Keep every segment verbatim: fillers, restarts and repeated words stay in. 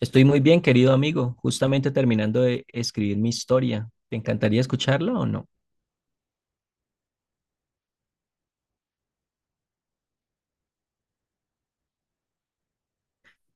Estoy muy bien, querido amigo, justamente terminando de escribir mi historia. ¿Te encantaría escucharla o no?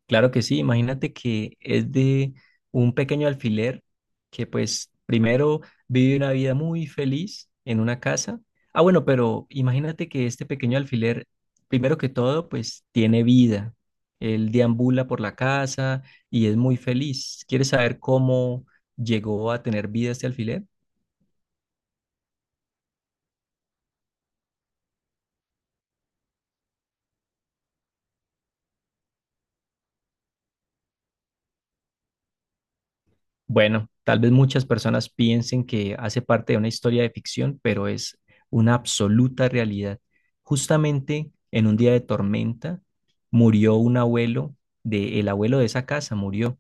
Claro que sí, imagínate que es de un pequeño alfiler que pues primero vive una vida muy feliz en una casa. Ah, bueno, pero imagínate que este pequeño alfiler, primero que todo, pues tiene vida. Él deambula por la casa y es muy feliz. ¿Quieres saber cómo llegó a tener vida este alfiler? Bueno, tal vez muchas personas piensen que hace parte de una historia de ficción, pero es una absoluta realidad. Justamente en un día de tormenta murió un abuelo de, el abuelo de esa casa murió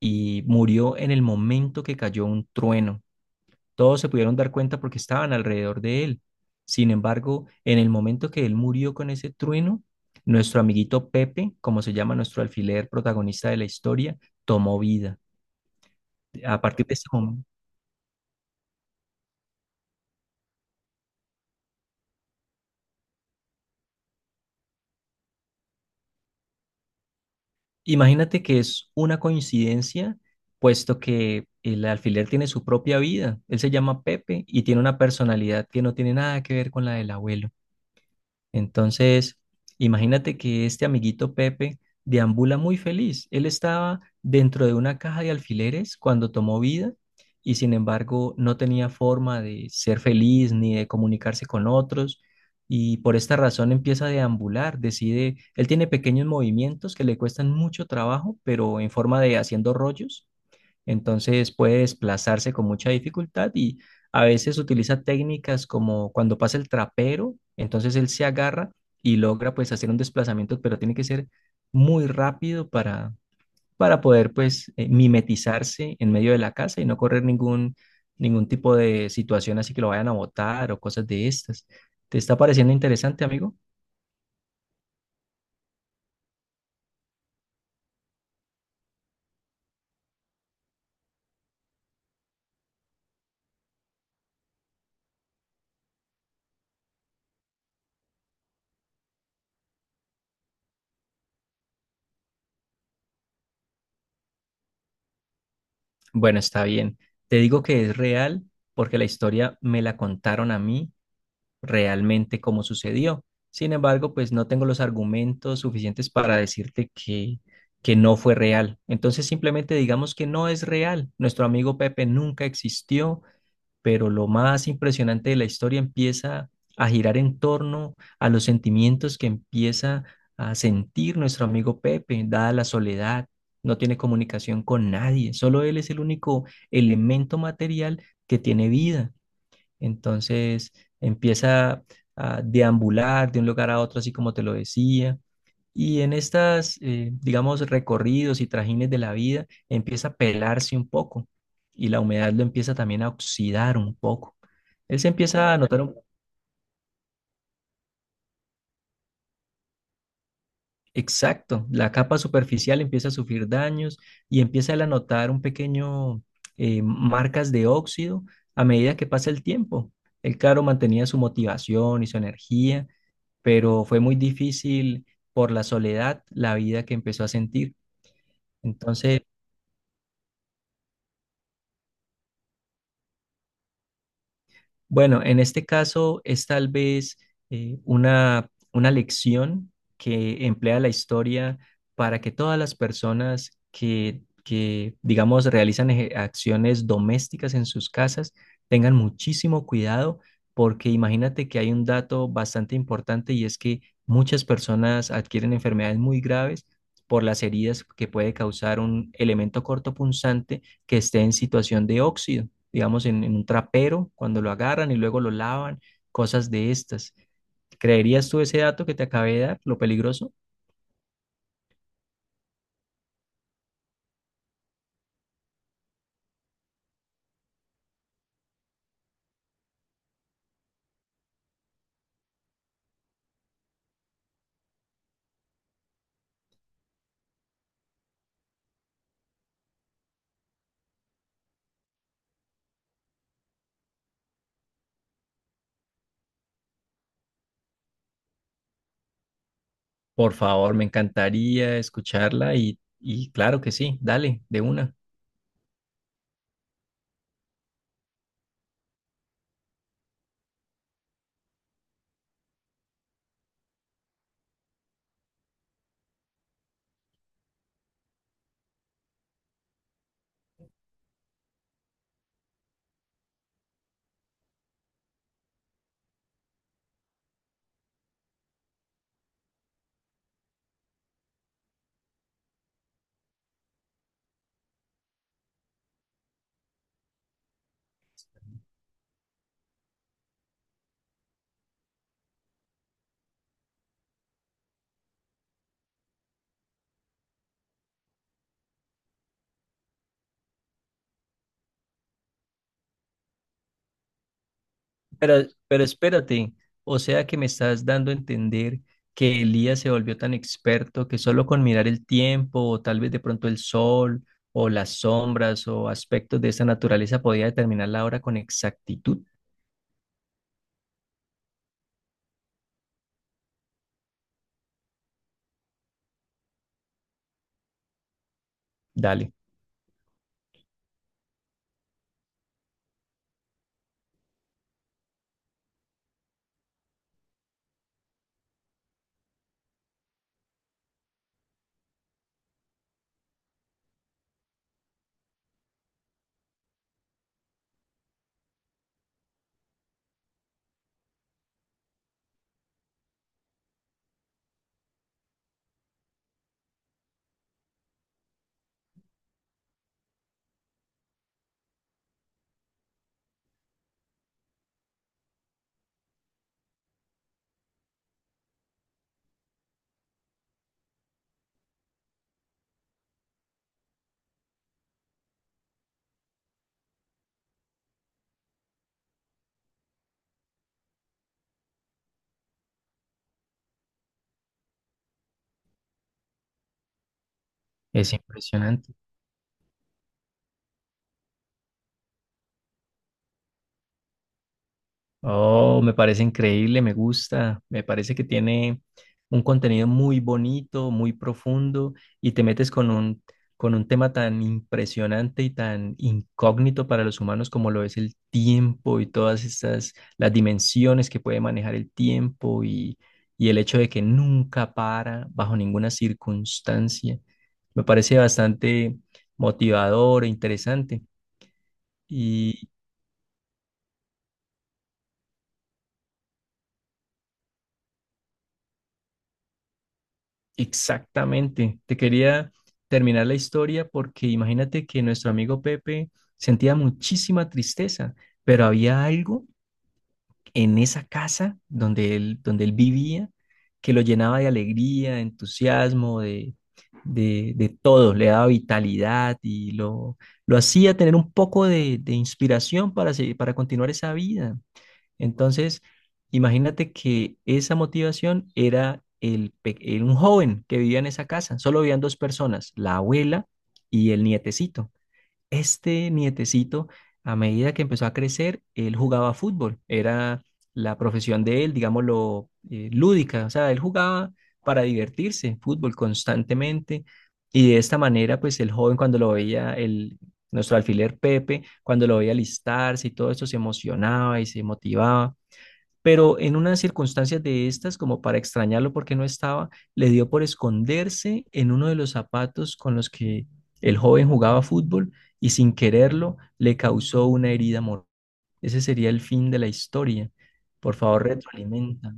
y murió en el momento que cayó un trueno. Todos se pudieron dar cuenta porque estaban alrededor de él. Sin embargo, en el momento que él murió con ese trueno, nuestro amiguito Pepe, como se llama nuestro alfiler protagonista de la historia, tomó vida. A partir de ese momento, imagínate que es una coincidencia, puesto que el alfiler tiene su propia vida. Él se llama Pepe y tiene una personalidad que no tiene nada que ver con la del abuelo. Entonces, imagínate que este amiguito Pepe deambula muy feliz. Él estaba dentro de una caja de alfileres cuando tomó vida y sin embargo no tenía forma de ser feliz ni de comunicarse con otros y por esta razón empieza a deambular, decide, él tiene pequeños movimientos que le cuestan mucho trabajo, pero en forma de haciendo rollos entonces puede desplazarse con mucha dificultad y a veces utiliza técnicas como cuando pasa el trapero, entonces él se agarra y logra pues hacer un desplazamiento, pero tiene que ser muy rápido para, para poder pues eh, mimetizarse en medio de la casa y no correr ningún, ningún tipo de situación así que lo vayan a botar o cosas de estas. ¿Te está pareciendo interesante, amigo? Bueno, está bien. Te digo que es real porque la historia me la contaron a mí realmente cómo sucedió. Sin embargo, pues no tengo los argumentos suficientes para decirte que, que no fue real. Entonces simplemente digamos que no es real. Nuestro amigo Pepe nunca existió, pero lo más impresionante de la historia empieza a girar en torno a los sentimientos que empieza a sentir nuestro amigo Pepe, dada la soledad. No tiene comunicación con nadie, solo él es el único elemento material que tiene vida. Entonces empieza a deambular de un lugar a otro, así como te lo decía. Y en estas, eh, digamos, recorridos y trajines de la vida, empieza a pelarse un poco y la humedad lo empieza también a oxidar un poco. Él se empieza a notar un- exacto, la capa superficial empieza a sufrir daños y empieza él a notar un pequeño eh, marcas de óxido a medida que pasa el tiempo. El claro, mantenía su motivación y su energía pero fue muy difícil por la soledad, la vida que empezó a sentir. Entonces, Bueno, en este caso es tal vez eh, una, una lección que emplea la historia para que todas las personas que, que digamos, realizan eje- acciones domésticas en sus casas tengan muchísimo cuidado, porque imagínate que hay un dato bastante importante y es que muchas personas adquieren enfermedades muy graves por las heridas que puede causar un elemento cortopunzante que esté en situación de óxido digamos, en, en un trapero cuando lo agarran y luego lo lavan, cosas de estas. ¿Creerías tú ese dato que te acabé de dar, lo peligroso? Por favor, me encantaría escucharla y, y claro que sí, dale, de una. Pero, pero espérate, o sea que me estás dando a entender que Elías se volvió tan experto que solo con mirar el tiempo o tal vez de pronto el sol o las sombras o aspectos de esa naturaleza podía determinar la hora con exactitud. Dale, es impresionante. Oh, me parece increíble, me gusta, me parece que tiene un contenido muy bonito, muy profundo y te metes con un, con un tema tan impresionante y tan incógnito para los humanos como lo es el tiempo y todas estas, las dimensiones que puede manejar el tiempo y, y el hecho de que nunca para bajo ninguna circunstancia. Me parece bastante motivador e interesante. Exactamente. Te quería terminar la historia porque imagínate que nuestro amigo Pepe sentía muchísima tristeza, pero había algo en esa casa donde él, donde él vivía que lo llenaba de alegría, de entusiasmo, de, de, de todo. Le daba vitalidad y lo, lo hacía tener un poco de, de inspiración para, seguir- para continuar esa vida. Entonces, imagínate que esa motivación era el, pe- era un joven que vivía en esa casa. Solo vivían dos personas, la abuela y el nietecito. Este nietecito, a medida que empezó a crecer, él jugaba fútbol. Era la profesión de él, digámoslo, eh, lúdica. O sea, él jugaba para divertirse, fútbol constantemente. Y de esta manera, pues el joven cuando lo veía, el, nuestro alfiler Pepe, cuando lo veía alistarse y todo esto, se emocionaba y se motivaba pero en unas circunstancias de estas, como para extrañarlo porque no estaba, le dio por esconderse en uno de los zapatos con los que el joven jugaba fútbol y sin quererlo le causó una herida mortal. Ese sería el fin de la historia. Por favor, retroalimenta.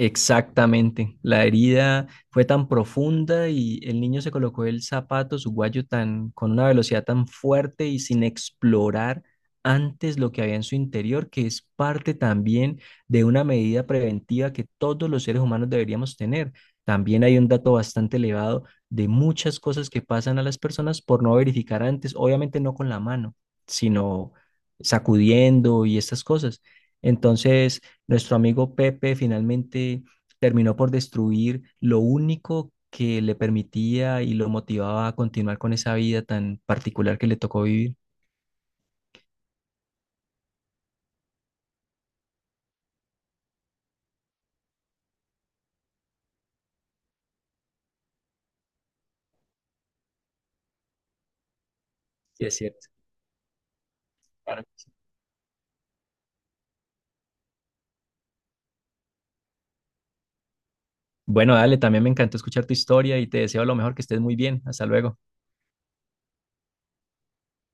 Exactamente. La herida fue tan profunda y el niño se colocó el zapato, su guayo tan, con una velocidad tan fuerte y sin explorar antes lo que había en su interior, que es parte también de una medida preventiva que todos los seres humanos deberíamos tener. También hay un dato bastante elevado de muchas cosas que pasan a las personas por no verificar antes, obviamente no con la mano, sino sacudiendo y estas cosas. Entonces, nuestro amigo Pepe finalmente terminó por destruir lo único que le permitía y lo motivaba a continuar con esa vida tan particular que le tocó vivir. Sí, es cierto. Claro. Bueno, dale, también me encantó escuchar tu historia y te deseo lo mejor, que estés muy bien. Hasta luego.